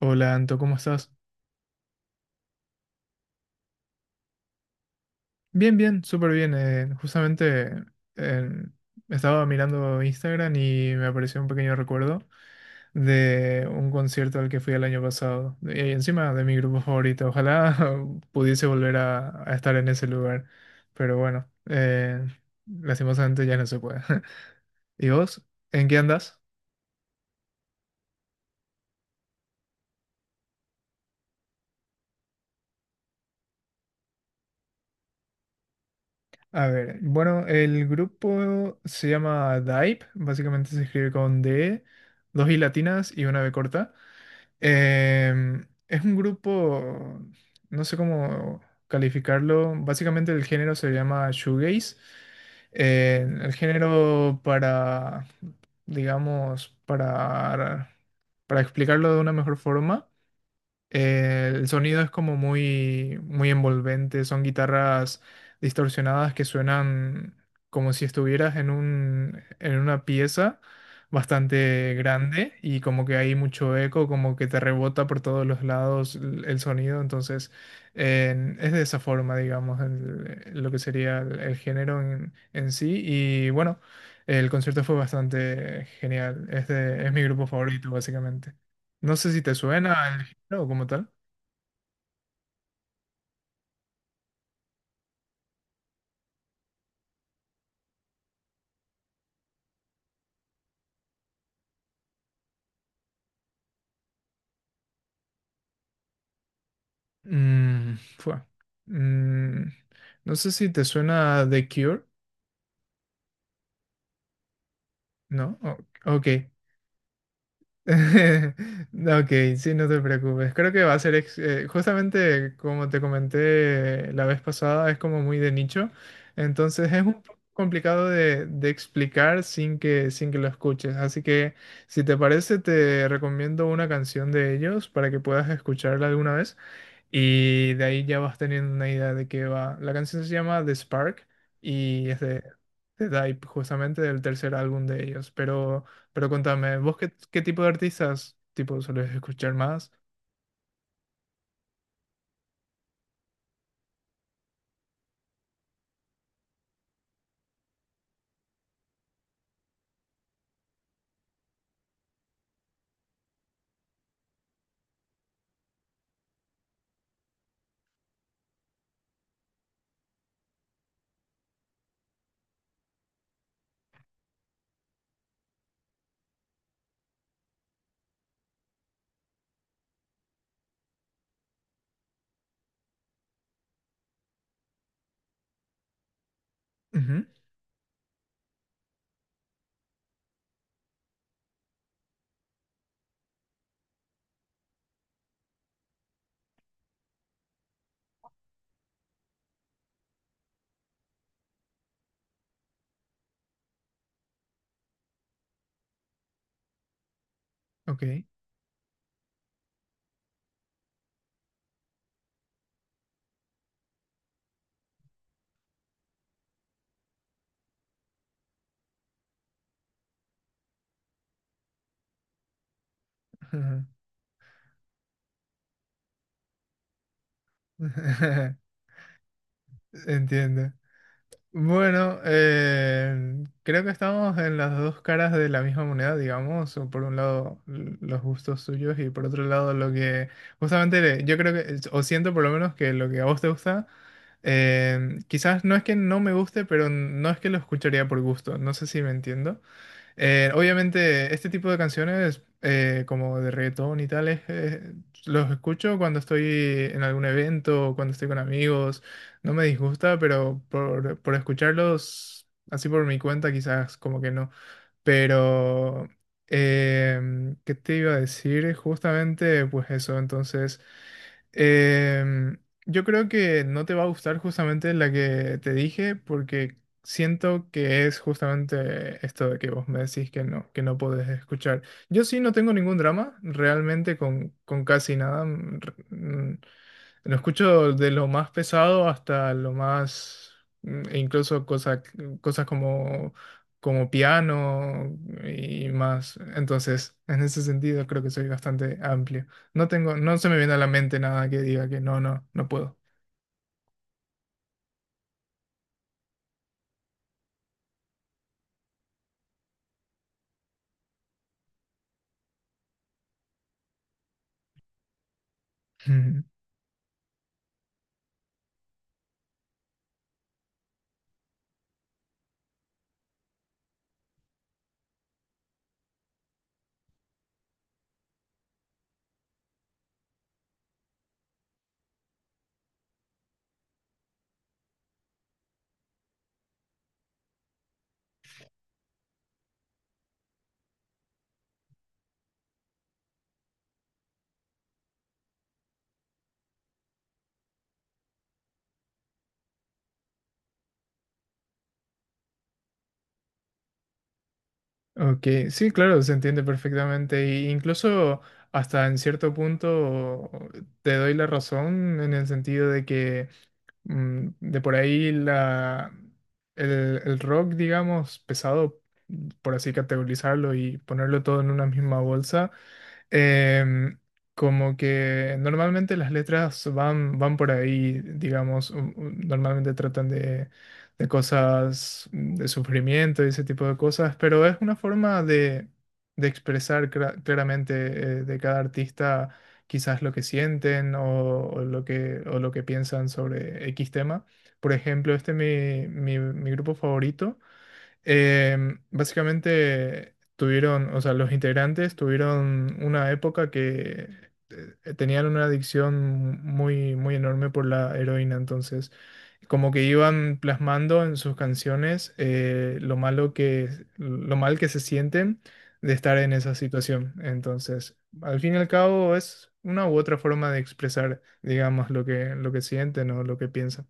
Hola Anto, ¿cómo estás? Bien, bien, súper bien. Justamente eh, estaba mirando Instagram y me apareció un pequeño recuerdo de un concierto al que fui el año pasado. Y encima de mi grupo favorito. Ojalá pudiese volver a estar en ese lugar. Pero bueno, lastimosamente ya no se puede. ¿Y vos? ¿En qué andas? A ver, bueno, el grupo se llama Dive. Básicamente se escribe con D, dos I latinas y una B corta. Es un grupo, no sé cómo calificarlo. Básicamente el género se llama shoegaze. El género para, digamos, para explicarlo de una mejor forma. El sonido es como muy, muy envolvente, son guitarras distorsionadas que suenan como si estuvieras en un, en una pieza bastante grande y como que hay mucho eco, como que te rebota por todos los lados el sonido. Entonces es de esa forma, digamos, lo que sería el género en sí. Y bueno, el concierto fue bastante genial, es mi grupo favorito básicamente. No sé si te suena, no, como tal. Mm, fue. Mm, no sé si te suena The Cure, ¿no? Ok. Ok, sí, no te preocupes. Creo que va a ser justamente como te comenté la vez pasada, es como muy de nicho. Entonces es un poco complicado de explicar sin que, sin que lo escuches. Así que si te parece, te recomiendo una canción de ellos para que puedas escucharla alguna vez. Y de ahí ya vas teniendo una idea de qué va. La canción se llama The Spark y es de Dive, justamente del tercer álbum de ellos. Pero contame, ¿vos qué, qué tipo de artistas tipo sueles escuchar más? Ujú. Ok. Ujú. Entiendo. Bueno, creo que estamos en las dos caras de la misma moneda, digamos, o por un lado los gustos suyos y por otro lado lo que justamente yo creo que, o siento por lo menos que lo que a vos te gusta, quizás no es que no me guste, pero no es que lo escucharía por gusto, no sé si me entiendo. Obviamente, este tipo de canciones, como de reggaetón y tales, los escucho cuando estoy en algún evento, o cuando estoy con amigos. No me disgusta, pero por escucharlos así por mi cuenta, quizás como que no. Pero, ¿qué te iba a decir? Justamente, pues eso. Entonces, em, yo creo que no te va a gustar justamente la que te dije, porque siento que es justamente esto de que vos me decís que no podés escuchar. Yo sí no tengo ningún drama, realmente con casi nada. Lo escucho de lo más pesado hasta lo más, e incluso cosas, cosas como como piano y más. Entonces, en ese sentido creo que soy bastante amplio. No tengo, no se me viene a la mente nada que diga que no, no, no puedo. Ujú. Ok, sí, claro, se entiende perfectamente. E incluso hasta en cierto punto te doy la razón en el sentido de que de por ahí la, el rock, digamos, pesado, por así categorizarlo y ponerlo todo en una misma bolsa, em, como que normalmente las letras van, van por ahí, digamos, normalmente tratan de cosas de sufrimiento y ese tipo de cosas, pero es una forma de expresar claramente de cada artista quizás lo que sienten o lo que piensan sobre X tema. Por ejemplo, este mi grupo favorito eh, básicamente tuvieron, o sea, los integrantes tuvieron una época que tenían una adicción muy, muy enorme por la heroína. Entonces como que iban plasmando en sus canciones lo malo que, lo mal que se sienten de estar en esa situación. Entonces, al fin y al cabo es una u otra forma de expresar, digamos, lo que sienten o lo que piensan.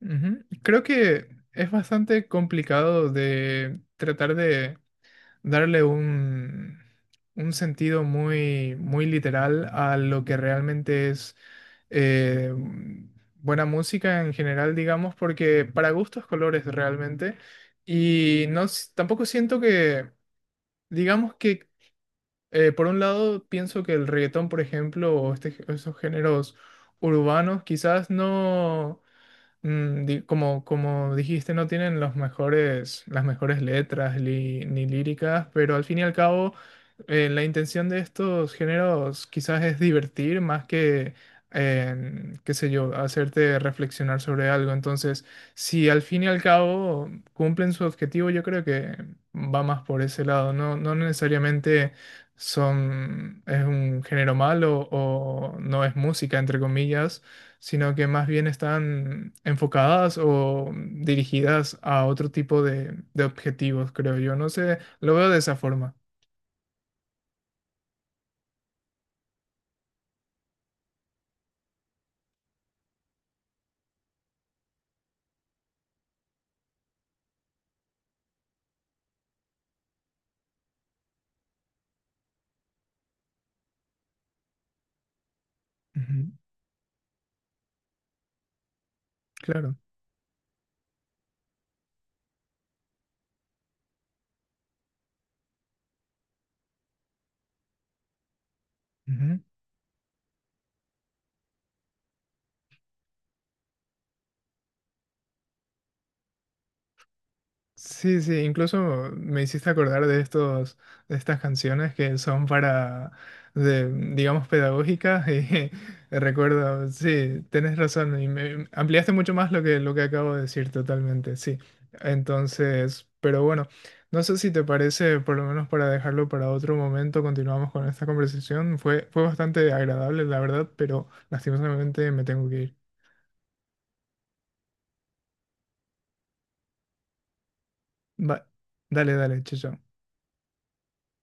Ujú. Creo que es bastante complicado de tratar de darle un sentido muy, muy literal a lo que realmente es eh, buena música en general, digamos, porque para gustos colores realmente. Y no, tampoco siento que, digamos que, por un lado, pienso que el reggaetón, por ejemplo, o este, esos géneros urbanos, quizás no como, como dijiste, no tienen los mejores, las mejores letras ni líricas, pero al fin y al cabo, la intención de estos géneros quizás es divertir más que, qué sé yo, hacerte reflexionar sobre algo. Entonces, si al fin y al cabo cumplen su objetivo, yo creo que va más por ese lado. No, no necesariamente son, es un género malo o no es música, entre comillas, sino que más bien están enfocadas o dirigidas a otro tipo de objetivos, creo yo. No sé, lo veo de esa forma. Ujú, claro. Ujú. Sí, sí, incluso me hiciste acordar de estos, de estas canciones que son para, de, digamos, pedagógicas y recuerdo, sí, tenés razón y me ampliaste mucho más lo que acabo de decir totalmente, sí. Entonces, pero bueno, no sé si te parece, por lo menos para dejarlo para otro momento, continuamos con esta conversación. Fue, fue bastante agradable, la verdad, pero lastimosamente me tengo que ir. Va- Dale, dale, chao. Chao.